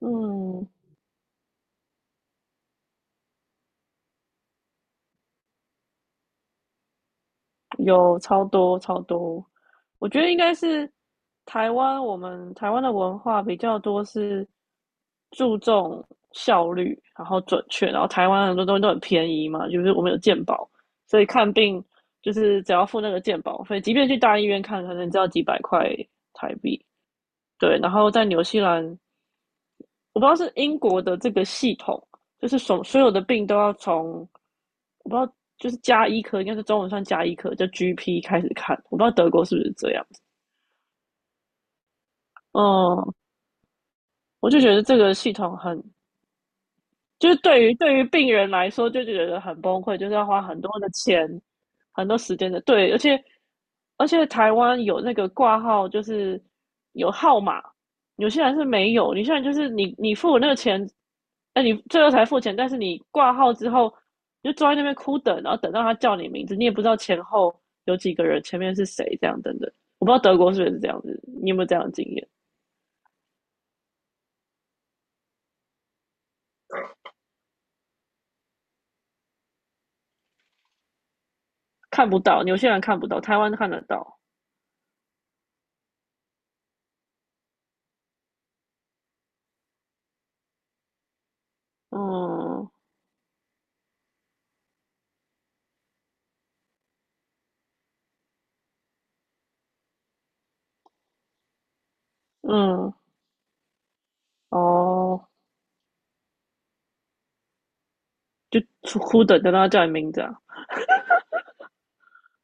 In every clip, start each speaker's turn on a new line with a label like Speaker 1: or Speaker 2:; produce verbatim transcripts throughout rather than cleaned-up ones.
Speaker 1: 嗯，有超多超多，我觉得应该是台湾，我们台湾的文化比较多是注重效率，然后准确，然后台湾很多东西都很便宜嘛，就是我们有健保，所以看病就是只要付那个健保费，即便去大医院看，可能只要几百块台币。对，然后在纽西兰，我不知道是英国的这个系统，就是所所有的病都要从，我不知道，就是加医科，应该是中文算加医科，叫 G P 开始看。我不知道德国是不是这样。嗯，我就觉得这个系统很，就是对于对于病人来说，就觉得很崩溃，就是要花很多的钱、很多时间的。对，而且而且台湾有那个挂号，就是有号码，有些人是没有。有现在就是你你付了那个钱，哎，你最后才付钱，但是你挂号之后，你就坐在那边哭等，然后等到他叫你名字，你也不知道前后有几个人，前面是谁，这样等等。我不知道德国是不是这样子，你有没有这样的经验？看不到，有些人看不到，台湾看得到。嗯嗯。哦，就出哭等等到他叫你名字啊。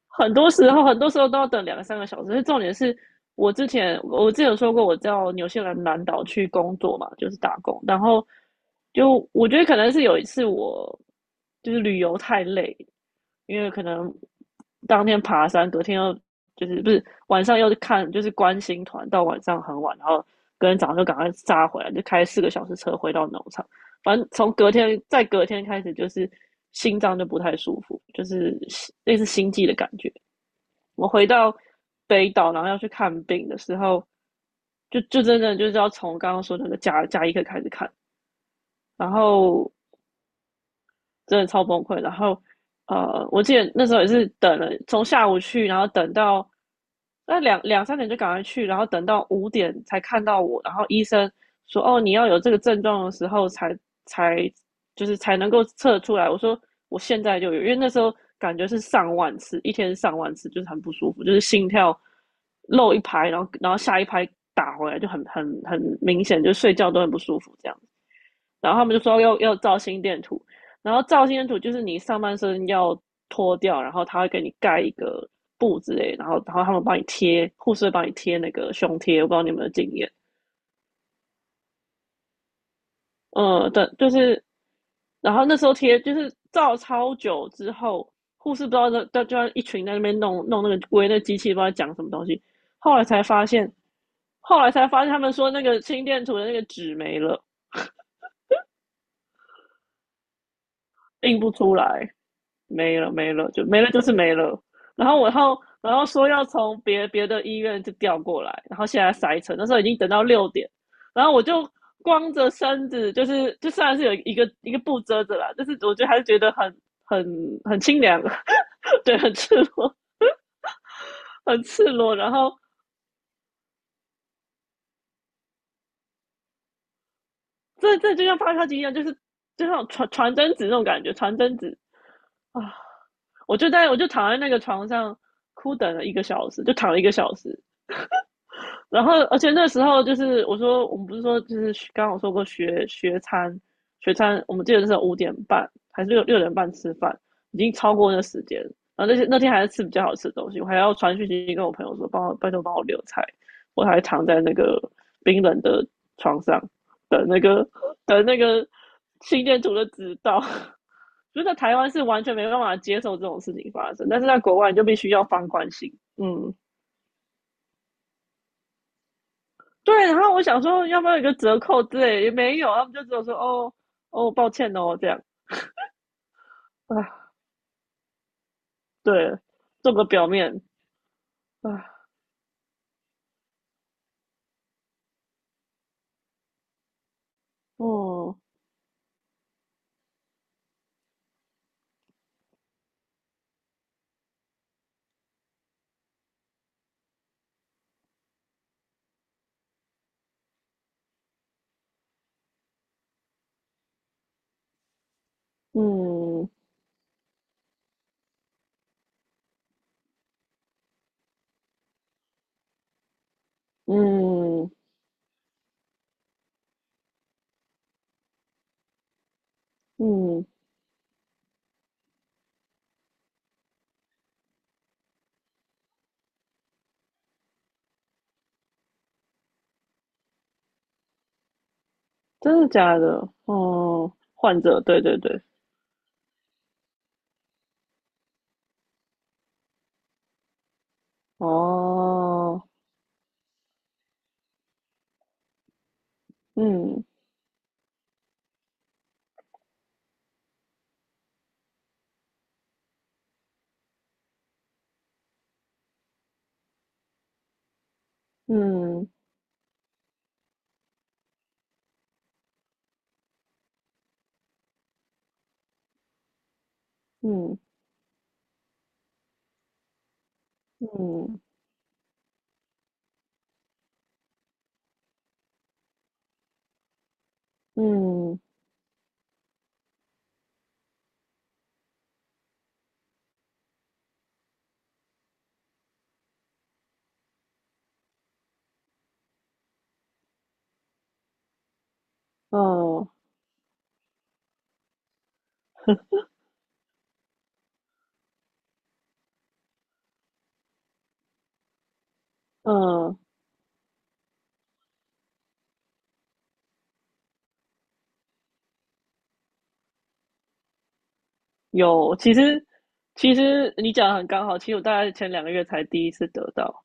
Speaker 1: 很多时候，很多时候都要等两个三个小时。重点是我之前我之前有说过，我到纽西兰南岛去工作嘛，就是打工。然后就我觉得可能是有一次我就是旅游太累，因为可能当天爬山，隔天又，就是不是晚上又是看，就是观星团，到晚上很晚，然后隔天早上就赶快扎回来，就开四个小时车回到农场。反正从隔天再隔天开始，就是心脏就不太舒服，就是类似心悸的感觉。我回到北岛，然后要去看病的时候，就就真的就是要从刚刚说那个甲甲医科开始看，然后真的超崩溃。然后，呃，我记得那时候也是等了，从下午去，然后等到那两两三点就赶快去，然后等到五点才看到我。然后医生说："哦，你要有这个症状的时候才，才就是才能够测出来。"我说："我现在就有，因为那时候感觉是上万次，一天上万次，就是很不舒服，就是心跳漏一拍，然后然后下一拍打回来就很很很明显，就睡觉都很不舒服这样。"然后他们就说要要照心电图，然后照心电图就是你上半身要脱掉，然后他会给你盖一个布之类，然后然后他们帮你贴，护士会帮你贴那个胸贴，我不知道你有没有经验，嗯，对，就是，然后那时候贴就是照超久之后，护士不知道在在就在一群在那边弄弄那个围那机器，不知道讲什么东西，后来才发现，后来才发现他们说那个心电图的那个纸没了，印不出来。没了没了，就没了就是没了。然后我然后然后说要从别别的医院就调过来，然后现在塞车，那时候已经等到六点，然后我就光着身子，就是就算是有一个一个布遮着啦，但是我觉得还是觉得很，很很清凉，对，很赤裸，很赤裸。然后这这就像发烧机一样，就是就像传传真纸那种感觉，传真纸啊，我就在我就躺在那个床上哭等了一个小时，就躺了一个小时。然后，而且那时候就是我说，我们不是说就是刚刚我说过学学餐，学餐我们记得那时候五点半还是六六点半吃饭，已经超过那时间。然后那些那天还是吃比较好吃的东西，我还要传讯息跟我朋友说，帮我拜托帮我留菜，我还躺在那个冰冷的床上等那个等那个心电图的指导。就在台湾是完全没办法接受这种事情发生，但是在国外你就必须要放宽心，嗯。对，然后我想说要不要有一个折扣之类，也没有，他们就只有说哦哦，抱歉哦这样。啊，对，做个表面啊，哦，嗯嗯嗯，真的假的？哦，患者，对对对，哦，嗯嗯嗯嗯嗯嗯嗯，有，其实其实你讲的很刚好，其实我大概前两个月才第一次得到，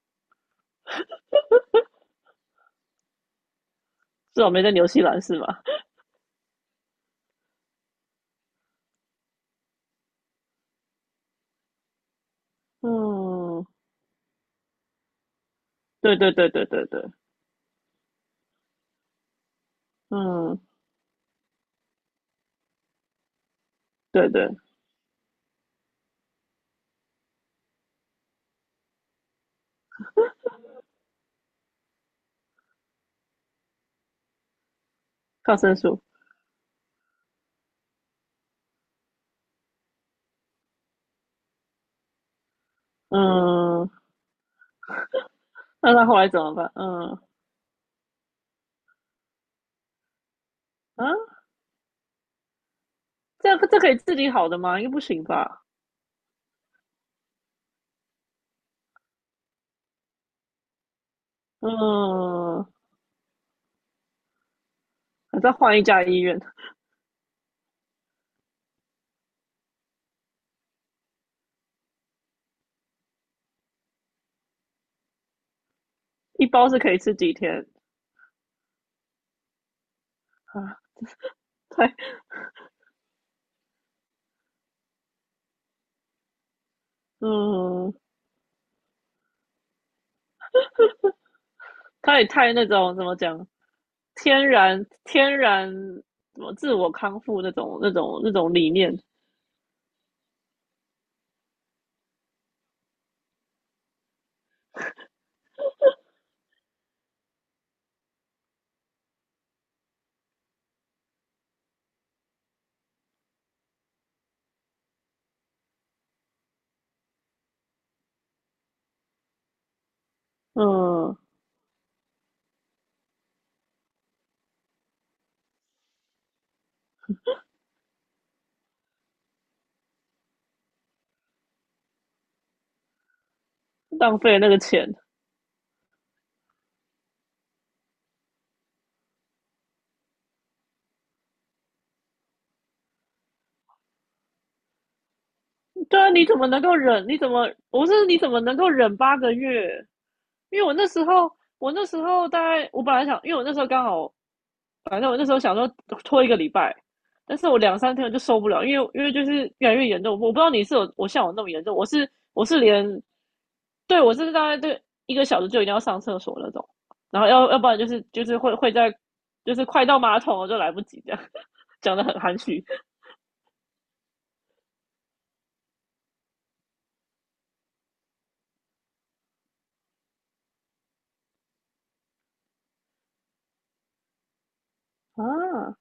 Speaker 1: 至少没在纽西兰是吧？嗯，对对对对对对，嗯，对对，抗生素，嗯，那他后来怎么办？嗯啊，这样这可以治理好的吗？应该不行吧？嗯，还再换一家医院，一包是可以吃几天啊？太，嗯，他也太那种怎么讲，天然天然什么自我康复那种那种那种理念，嗯，浪费那个钱，对啊，你怎么能够忍？你怎么我是你怎么能够忍八个月？因为我那时候我那时候大概我本来想，因为我那时候刚好，反正我那时候想说拖一个礼拜，但是我两三天我就受不了，因为因为就是越来越严重。我不知道你是有我像我那么严重，我是我是连对我是大概对一个小时就一定要上厕所那种，然后要要不然就是就是会会在就是快到马桶我就来不及这样，讲的很含蓄啊。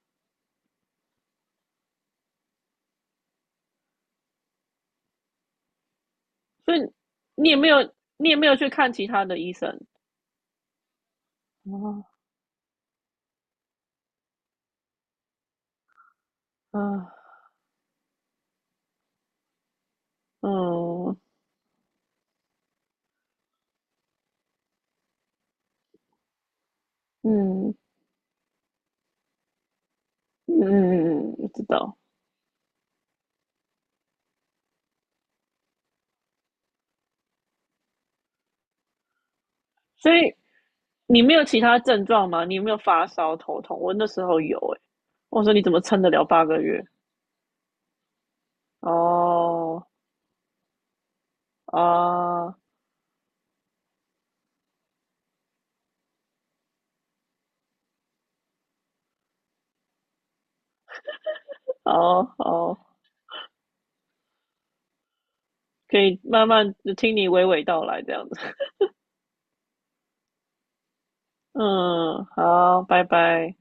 Speaker 1: 所以你也没有，你也没有去看其他的医生啊？啊，嗯嗯嗯嗯嗯知道。所以你没有其他症状吗？你有没有发烧、头痛？我那时候有哎、欸，我说你怎么撑得了八个月？哦啊哦哦，可以慢慢听你娓娓道来这样子。嗯，好，拜拜。